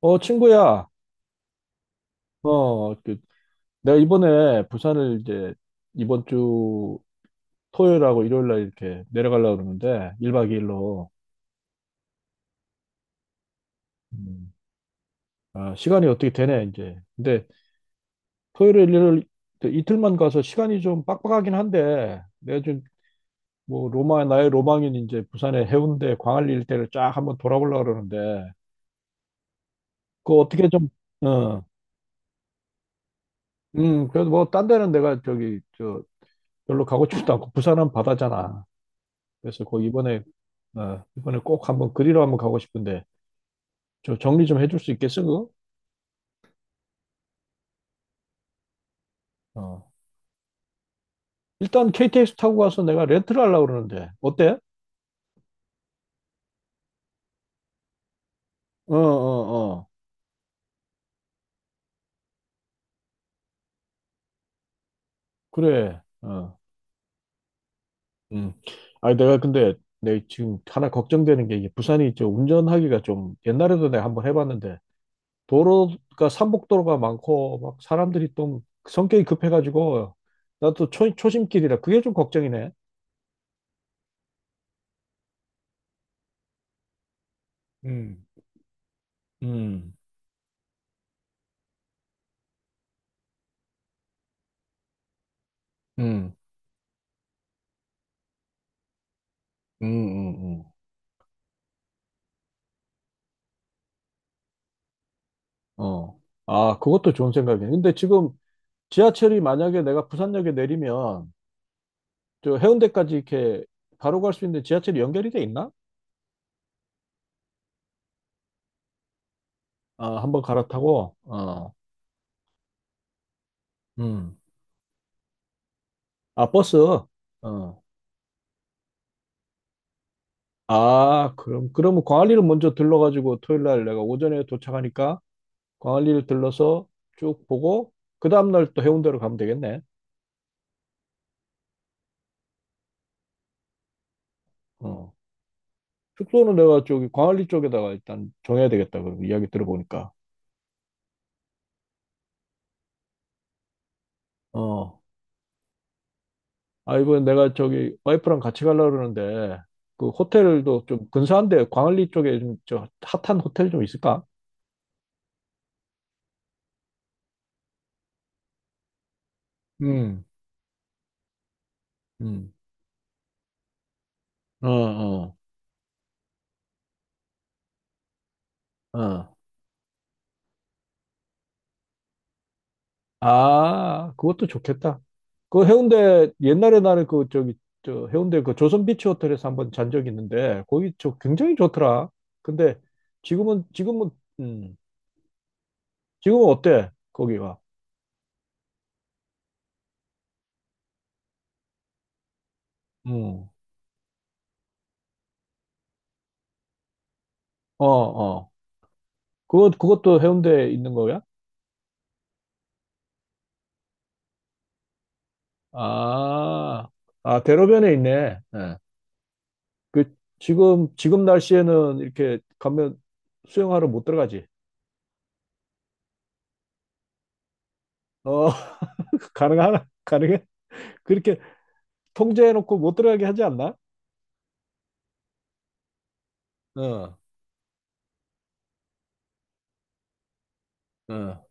어, 친구야, 어, 그, 내가 이번에 부산을 이제 이번 주 토요일하고 일요일 날 이렇게 내려가려고 그러는데, 1박 2일로. 아, 시간이 어떻게 되네, 이제. 근데 토요일, 일요일 그 이틀만 가서 시간이 좀 빡빡하긴 한데, 내가 좀 뭐 나의 로망인 이제 부산의 해운대, 광안리 일대를 쫙 한번 돌아보려고 그러는데, 그거 어떻게 좀, 어, 그래도 뭐 딴 데는 내가 별로 가고 싶지도 않고, 부산은 바다잖아. 그래서 그 이번에 어, 이번에 꼭 한번 그리러 한번 가고 싶은데 정리 좀 해줄 수 있겠어 그거? 어. 일단 KTX 타고 가서 내가 렌트를 하려고 그러는데 어때? 어, 어, 어. 그래. 어. 음. 아니 내가 근데 내 지금 하나 걱정되는 게 이게 부산이 운전하기가 좀 옛날에도 내가 한번 해봤는데 도로가 산복도로가 많고 막 사람들이 좀 성격이 급해가지고 나도 초심길이라 그게 좀 걱정이네. 음. 음, 음, 음, 음, 음. 어. 아, 그것도 좋은 생각이네. 근데 지금 지하철이 만약에 내가 부산역에 내리면 저 해운대까지 이렇게 바로 갈 수 있는데 지하철이 연결이 돼 있나? 아, 한번 갈아타고. 어. 음. 아, 버스. 어. 아, 그럼 그러면 광안리를 먼저 들러 가지고 토요일 날 내가 오전에 도착하니까 광안리를 들러서 쭉 보고 그 다음 날 또 해운대로 가면 되겠네. 어. 숙소는 내가 저기 광안리 쪽에다가 일단 정해야 되겠다. 그 이야기 들어보니까. 어. 아, 이번에 내가 저기 와이프랑 같이 가려고 그러는데, 그 호텔도 좀 근사한데, 광안리 쪽에 좀 핫한 호텔 좀 있을까? 음, 음. 어, 어, 어. 아, 그것도 좋겠다. 그 해운대, 옛날에 나는 그 저기, 저 해운대 그 조선비치 호텔에서 한번 잔 적이 있는데, 거기 저 굉장히 좋더라. 근데 지금은, 지금은, 음, 지금은 어때? 거기가. 음. 어, 어. 그것도 해운대에 있는 거야? 아, 아, 대로변에 있네. 예. 지금 날씨에는 이렇게 가면 수영하러 못 들어가지. 어, 가능하나? 가능해? 그렇게 통제해놓고 못 들어가게 하지 않나? 어, 어.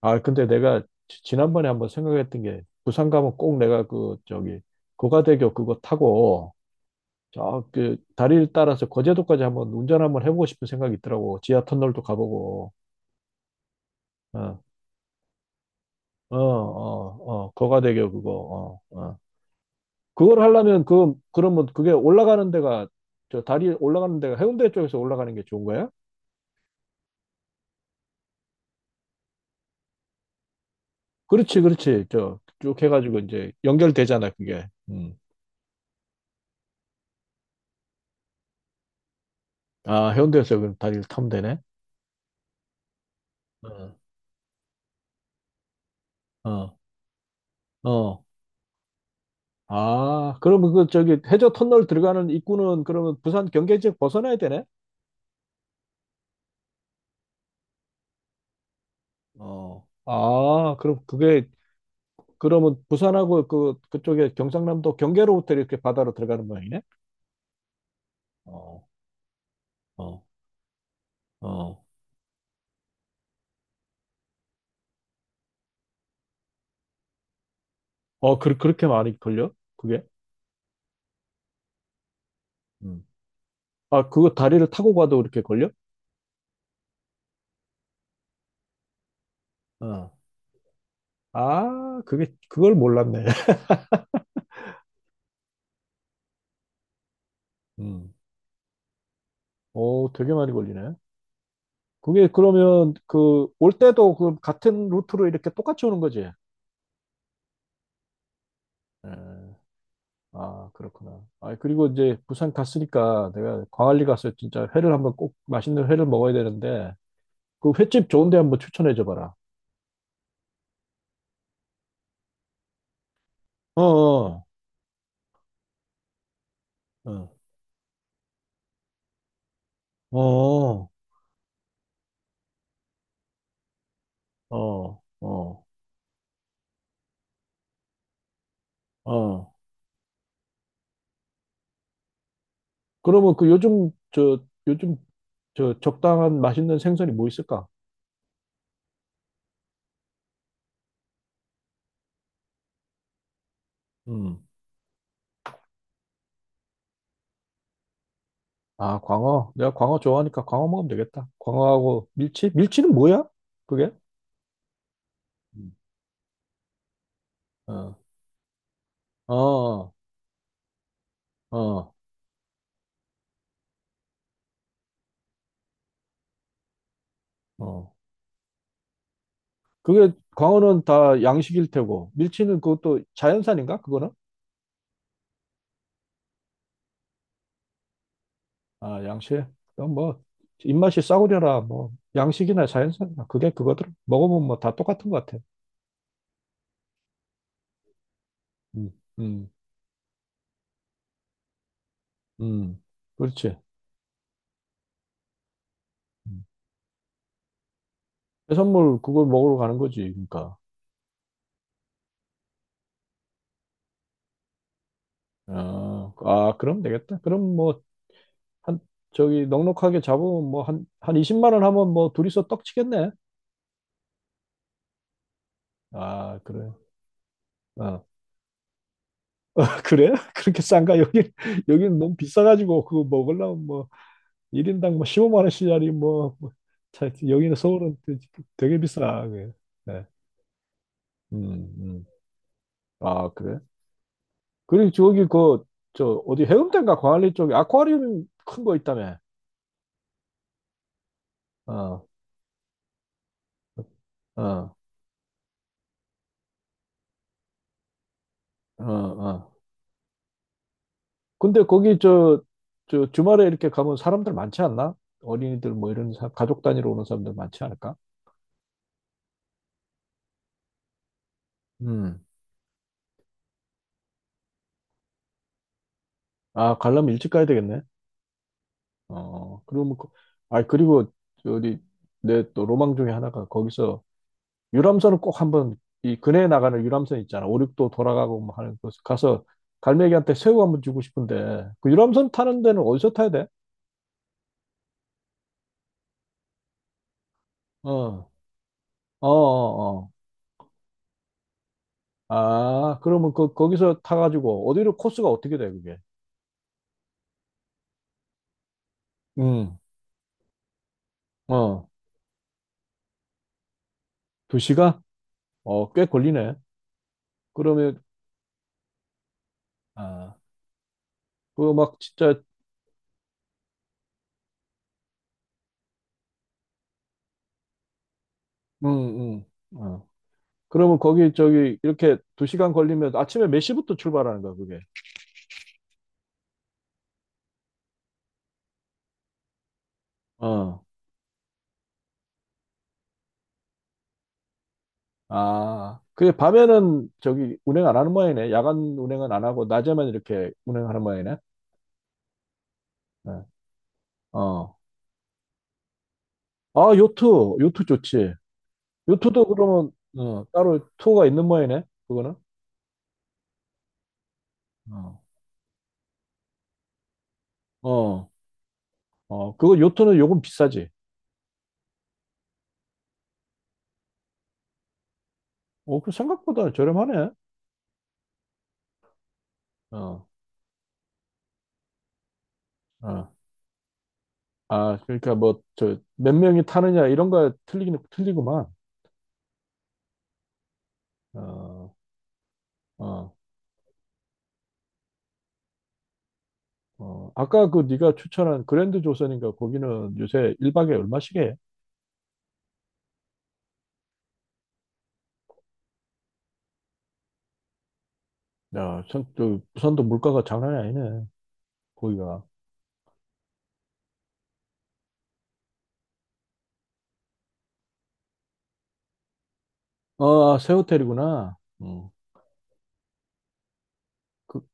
아, 근데 내가 지난번에 한번 생각했던 게, 부산 가면 꼭 내가 고가대교 그거 타고, 다리를 따라서 거제도까지 한번 운전 한번 해보고 싶은 생각이 있더라고. 지하 터널도 가보고, 어, 어, 어, 어, 고가대교 그거, 어, 어. 그걸 하려면 그러면 그게 올라가는 데가 저 다리 올라가는 데가 해운대 쪽에서 올라가는 게 좋은 거야? 그렇지, 그렇지. 쭉 해가지고 이제 연결되잖아, 그게. 음. 아, 해운대에서 그럼 다리를 타면 되네. 어, 어, 어. 아, 그러면 그 저기 해저 터널 들어가는 입구는 그러면 부산 경계 지역 벗어나야 되네? 어. 아, 그럼 그게 그러면 부산하고 그 그쪽에 경상남도 경계로부터 이렇게 바다로 들어가는 모양이네? 어, 어, 어. 어, 그렇게 많이 걸려? 그게? 음. 아, 그거 다리를 타고 가도 이렇게 걸려? 어. 아, 그걸 몰랐네. 음. 오, 되게 많이 걸리네. 그게 그러면 그 올 때도 그 같은 루트로 이렇게 똑같이 오는 거지? 예. 아, 그렇구나. 아, 그리고 이제 부산 갔으니까 내가 광안리 가서 진짜 회를 한번 꼭 맛있는 회를 먹어야 되는데 그 횟집 좋은 데 한번 추천해 줘 봐라. 어, 어, 어. 어, 어, 어, 어. 그러면 그 요즘 저 요즘 저 적당한 맛있는 생선이 뭐 있을까? 음. 아, 광어. 내가 광어 좋아하니까 광어 먹으면 되겠다. 광어하고 밀치? 밀치는 뭐야? 그게? 음. 어. 어. 어. 어. 그게 광어는 다 양식일 테고 밀치는 그것도 자연산인가? 그거는? 아, 양식. 그럼 뭐 입맛이 싸구려라. 뭐 양식이나 자연산이나 그게 그거들 먹으면 뭐 다 똑같은 것 같아. 음. 음. 음. 그렇지. 해산물 그걸 먹으러 가는 거지, 그러니까. 아, 아, 그럼 되겠다. 그럼 뭐, 한, 넉넉하게 잡으면 뭐, 한 20만 원 하면 뭐, 둘이서 떡 치겠네. 아, 그래. 어. 그래? 그렇게 싼가? 여기는 너무 비싸가지고, 그거 먹으려면 뭐, 1인당 뭐, 15만 원짜리 뭐, 뭐 자, 여기는 서울은 되게 비싸. 그게. 네. 음, 음. 아, 그래? 그리고 어디 해운대인가 광안리 쪽에 아쿠아리움 큰 거 있다며. 어, 어. 어, 어. 근데 거기 저 주말에 이렇게 가면 사람들 많지 않나? 어린이들 뭐 이런 가족 단위로 오는 사람들 많지 않을까? 음. 아, 가려면 일찍 가야 되겠네. 어, 그러면, 아, 그리고 저기 내 또 로망 중에 하나가 거기서 유람선은 꼭 한번 이 근해에 나가는 유람선 있잖아. 오륙도 돌아가고 뭐 하는 곳 가서 갈매기한테 새우 한번 주고 싶은데 그 유람선 타는 데는 어디서 타야 돼? 어, 어, 어, 어. 아, 그러면 그 거기서 타가지고 어디로 코스가 어떻게 돼, 그게? 음, 어, 2시간? 어, 꽤 걸리네. 그러면, 아, 그거 막 진짜, 음, 어. 그러면 거기, 이렇게 2시간 걸리면 아침에 몇 시부터 출발하는 거야, 그게? 어, 아, 그게 밤에는 저기 운행 안 하는 모양이네. 야간 운행은 안 하고, 낮에만 이렇게 운행하는 모양이네. 어, 어. 아, 요트, 요트 좋지. 요트도 그러면, 어, 따로 투어가 있는 모양이네, 그거는? 어, 어, 어, 그거 요트는 요금 비싸지. 어, 그 생각보다 저렴하네. 어, 어. 아, 그러니까 뭐, 몇 명이 타느냐, 이런 거 틀리구만. 어, 어, 어. 아까 그 네가 추천한 그랜드 조선인가, 거기는 요새 1박에 얼마씩 해? 야, 참, 부산도 물가가 장난이 아니네, 거기가. 어, 아, 새 호텔이구나. 음. 그,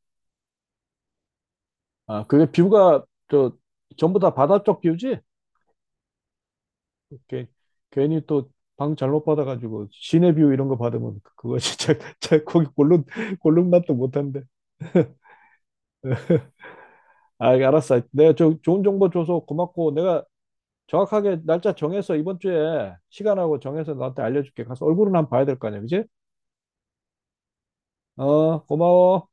아, 그게 뷰가, 전부 다 바다 쪽 뷰지? 이렇게, 괜히 또, 방 잘못 받아가지고, 시내 뷰 이런 거 받으면, 그거 진짜, 진짜 거기 골룸, 골룸 맛도 못한데. 아, 알았어. 내가 좋은 정보 줘서 고맙고 내가 정확하게 날짜 정해서 이번 주에 시간하고 정해서 너한테 알려줄게. 가서 얼굴은 한번 봐야 될 거 아니야, 그지? 어, 고마워.